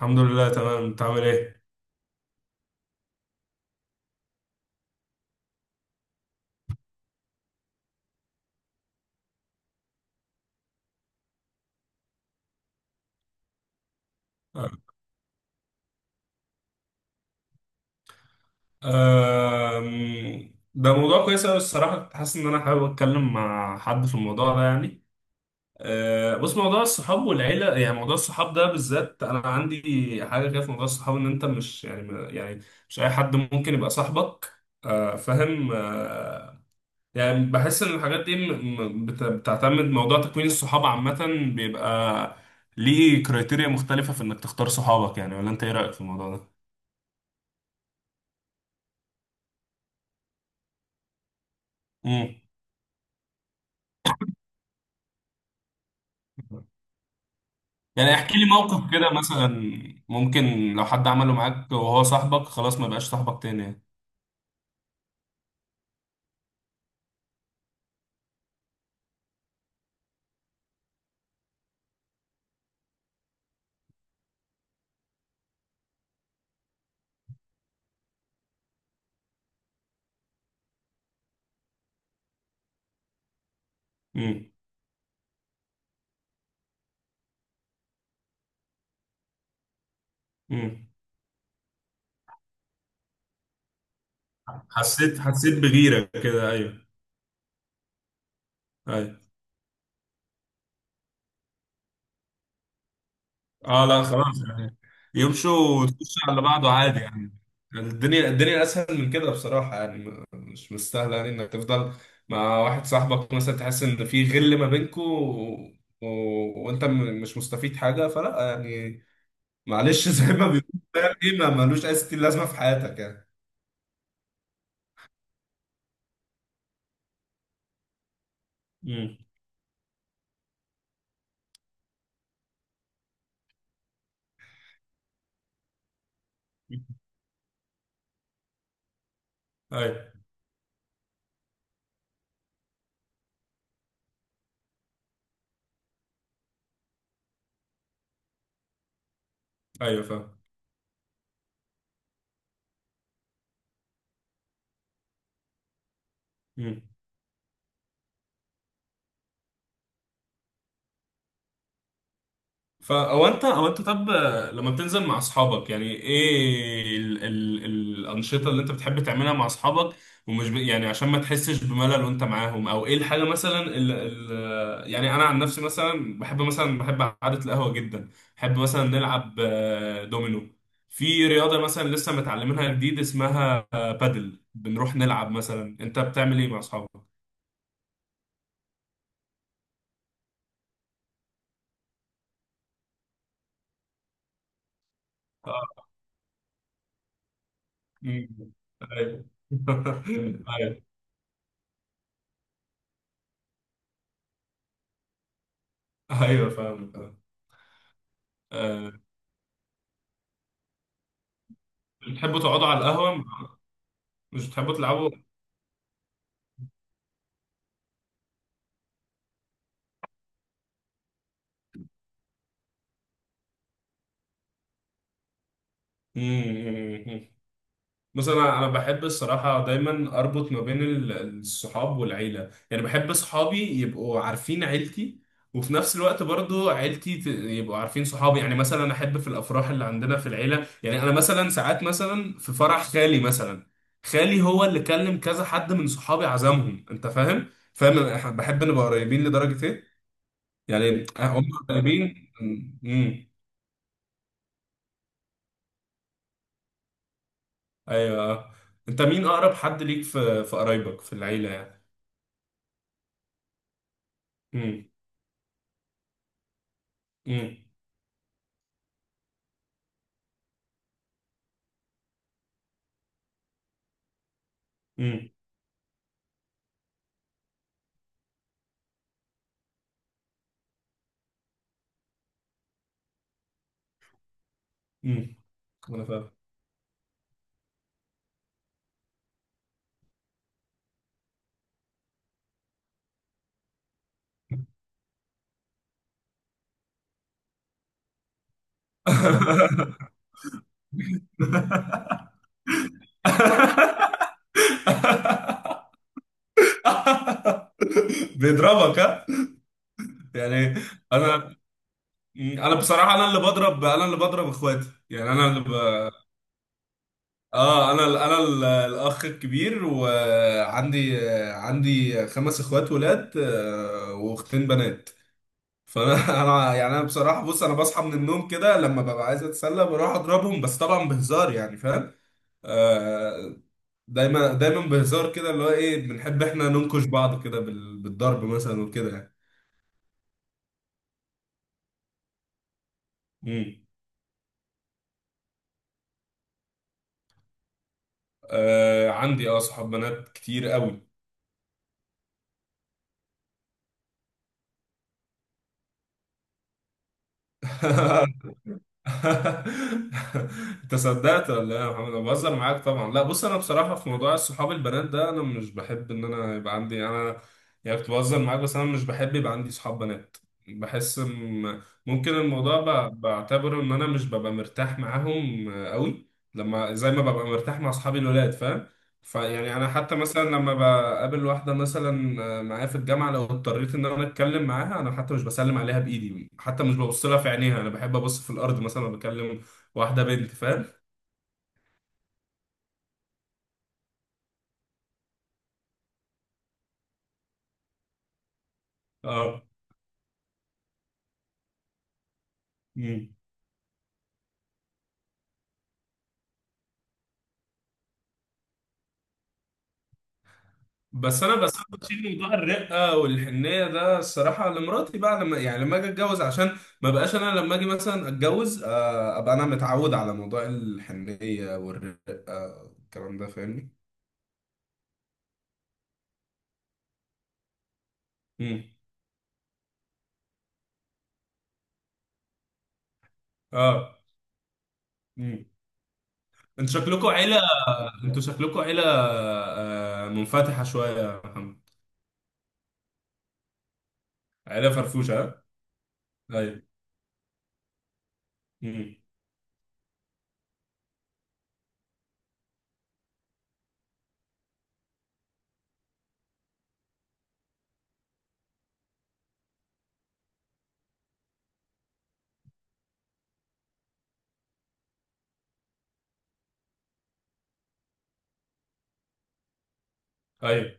الحمد لله، تمام. انت عامل ايه؟ ده موضوع كويس قوي الصراحه، كنت حاسس ان انا حابب اتكلم مع حد في الموضوع ده يعني. بص، موضوع الصحاب والعيله، يعني موضوع الصحاب ده بالذات انا عندي حاجه كده في موضوع الصحاب، ان انت مش يعني مش اي حد ممكن يبقى صاحبك. فاهم. يعني بحس ان الحاجات دي بتعتمد. موضوع تكوين الصحاب عامه بيبقى ليه كريتيريا مختلفه في انك تختار صحابك، يعني ولا انت ايه رايك في الموضوع ده؟ مم. يعني احكي لي موقف كده مثلا، ممكن لو حد عمله معاك وهو صاحبك خلاص ما بقاش صاحبك تاني يعني. امم امم حسيت بغيرة كده، ايوه، ايوه. اه لا، خلاص يعني يمشوا وتخش على بعضه عادي يعني. يعني الدنيا اسهل من كده بصراحة، يعني مش مستاهلة، يعني انك تفضل مع واحد صاحبك مثلا تحس ان في غل ما بينكوا، و... وانت مش مستفيد حاجة، فلا يعني. معلش، زي ما بيقول فاهم ايه، ما ملوش اي ستين لازمة في حياتك يعني. امم. ايوه. ايوه، فاهم. امم. فا او انت او انت طب لما بتنزل مع اصحابك، يعني ايه ال ال الانشطه اللي انت بتحب تعملها مع اصحابك، ومش يعني عشان ما تحسش بملل وانت معاهم، او ايه الحاجه مثلا ال ال يعني انا عن نفسي مثلا بحب، مثلا بحب قعده القهوه جدا. بحب مثلا نلعب دومينو. في رياضه مثلا لسه متعلمينها جديد، اسمها بادل، بنروح نلعب. مثلا انت بتعمل ايه مع اصحابك؟ مم. ايوه. ايوه. ايوه، فاهم، فاهم. أه. بتحبوا تقعدوا على القهوة، مش بتحبوا تلعبوا؟ مم. بص، انا بحب الصراحه دايما اربط ما بين الصحاب والعيله، يعني بحب صحابي يبقوا عارفين عيلتي، وفي نفس الوقت برضو عيلتي يبقوا عارفين صحابي. يعني مثلا احب في الافراح اللي عندنا في العيله، يعني انا مثلا ساعات مثلا في فرح خالي مثلا، خالي هو اللي كلم كذا حد من صحابي عزمهم، انت فاهم. فاهم. أنا بحب نبقى قريبين لدرجه ايه، يعني هم قريبين. امم، ايوه، آه. انت مين اقرب حد ليك في قرايبك في العيله يعني؟ امم امم امم انا فاهم. بيضربك، ها؟ يعني انا، بصراحه انا اللي بضرب، اخواتي، يعني اه، انا الاخ الكبير، وعندي خمس اخوات ولاد واختين بنات. فانا انا يعني انا بصراحه بص، انا بصحى من النوم كده لما ببقى عايز اتسلى بروح اضربهم، بس طبعا بهزار يعني، فاهم. آه، دايما دايما بهزار كده، اللي هو ايه بنحب احنا ننكش بعض كده بالضرب مثلا وكده يعني. امم. آه، عندي، اه، صحاب بنات كتير قوي. انت صدقت ولا ايه يا محمد؟ انا بهزر معاك طبعا، لا. بص، انا بصراحه في موضوع الصحاب البنات ده انا مش بحب ان انا يبقى عندي، انا يعني كنت بهزر معاك، بس انا مش بحب يبقى عندي صحاب بنات. بحس إن- ممكن الموضوع بعتبره ان انا مش ببقى مرتاح معاهم قوي، لما زي ما ببقى مرتاح مع اصحابي الولاد، فاهم. فيعني انا حتى مثلا لما بقابل واحده مثلا معايا في الجامعه، لو اضطريت ان انا اتكلم معاها، انا حتى مش بسلم عليها بايدي، حتى مش ببص لها في عينيها، انا بحب ابص في الارض مثلا لما بكلم واحده بنت، فاهم. اه. مم. بس انا بس أنا بشيل موضوع الرقه والحنيه ده الصراحه لمراتي بقى، لما يعني لما اجي اتجوز، عشان ما بقاش انا لما اجي مثلا اتجوز ابقى انا متعود على موضوع الحنيه والرقه والكلام ده، فاهمني. امم. اه. مم. انتوا شكلكم عيلة، منفتحة شوية يا محمد. عيلة فرفوشة، ها؟ ايوه. مم. ايوه،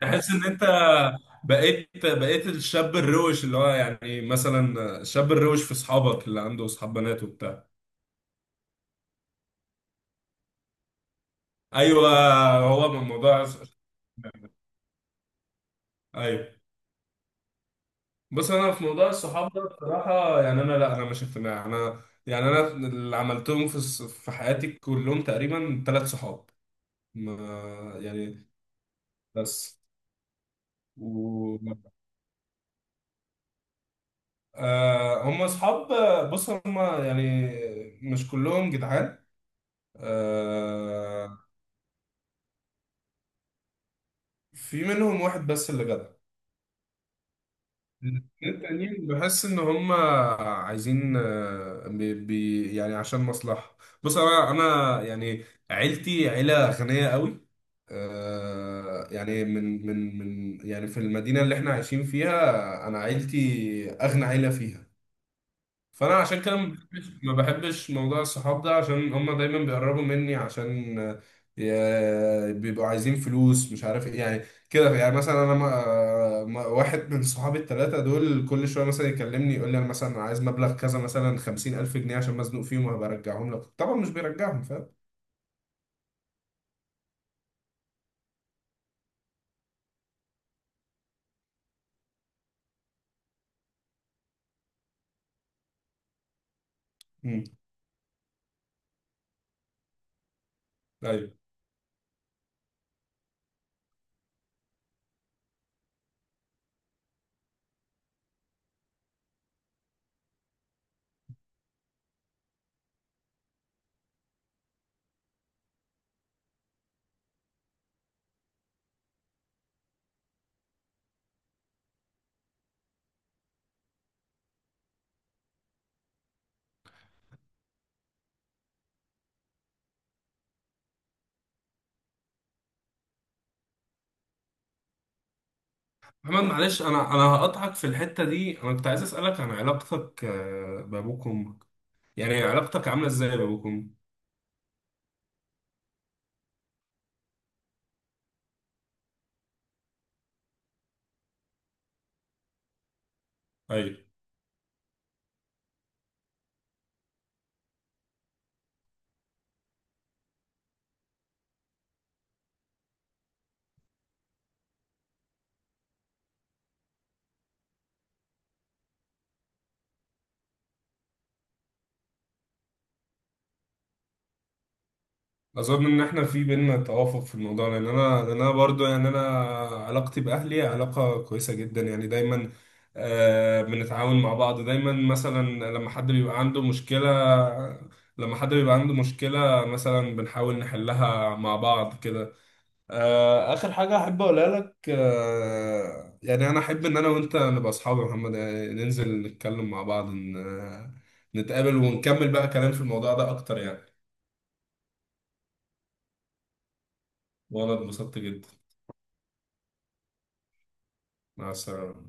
تحس ان انت بقيت الشاب الروش، اللي هو يعني مثلا الشاب الروش في اصحابك اللي عنده اصحاب بنات وبتاع. ايوه. هو من موضوع. ايوه، بص انا في موضوع الصحاب ده بصراحه يعني انا، لا انا مش اقتناع، انا يعني انا اللي عملتهم في في حياتي كلهم تقريبا ثلاث صحاب، ما يعني، بس و، آه، هم اصحاب، بص هم يعني مش كلهم جدعان. آه، في منهم واحد بس اللي جدع، الاتنين التانيين بحس ان هم عايزين بي بي يعني عشان مصلحة. بص، انا يعني عيلتي عيلة غنية قوي، آه يعني من، يعني في المدينة اللي احنا عايشين فيها انا عيلتي اغنى عيلة فيها، فانا عشان كده ما بحبش، ما بحبش موضوع الصحاب ده عشان هما دايما بيقربوا مني، عشان بيبقوا عايزين فلوس مش عارف ايه يعني. كده يعني مثلا انا ما آه، ما- واحد من صحابي الثلاثه دول كل شويه مثلا يكلمني يقول لي، انا مثلا عايز مبلغ كذا، مثلا 50000 جنيه عشان مزنوق فيهم وهبقى ارجعهم لك، طبعا مش بيرجعهم، فاهم. مم. ايوه. محمد، معلش، انا هقطعك في الحته دي. انا كنت عايز اسالك عن علاقتك بابوك وامك، يعني علاقتك عامله ازاي بابوك وامك؟ ايوه، اظن ان احنا في بينا توافق في الموضوع، لان انا، برضو يعني انا علاقتي باهلي علاقه كويسه جدا يعني، دايما آه بنتعاون مع بعض دايما، مثلا لما حد بيبقى عنده مشكله، مثلا بنحاول نحلها مع بعض كده. آه، اخر حاجه احب اقولها لك، آه يعني انا احب ان انا وانت نبقى اصحاب يا محمد، يعني ننزل نتكلم مع بعض، نتقابل ونكمل بقى كلام في الموضوع ده اكتر يعني. وانا اتبسطت جدا. مع السلامة.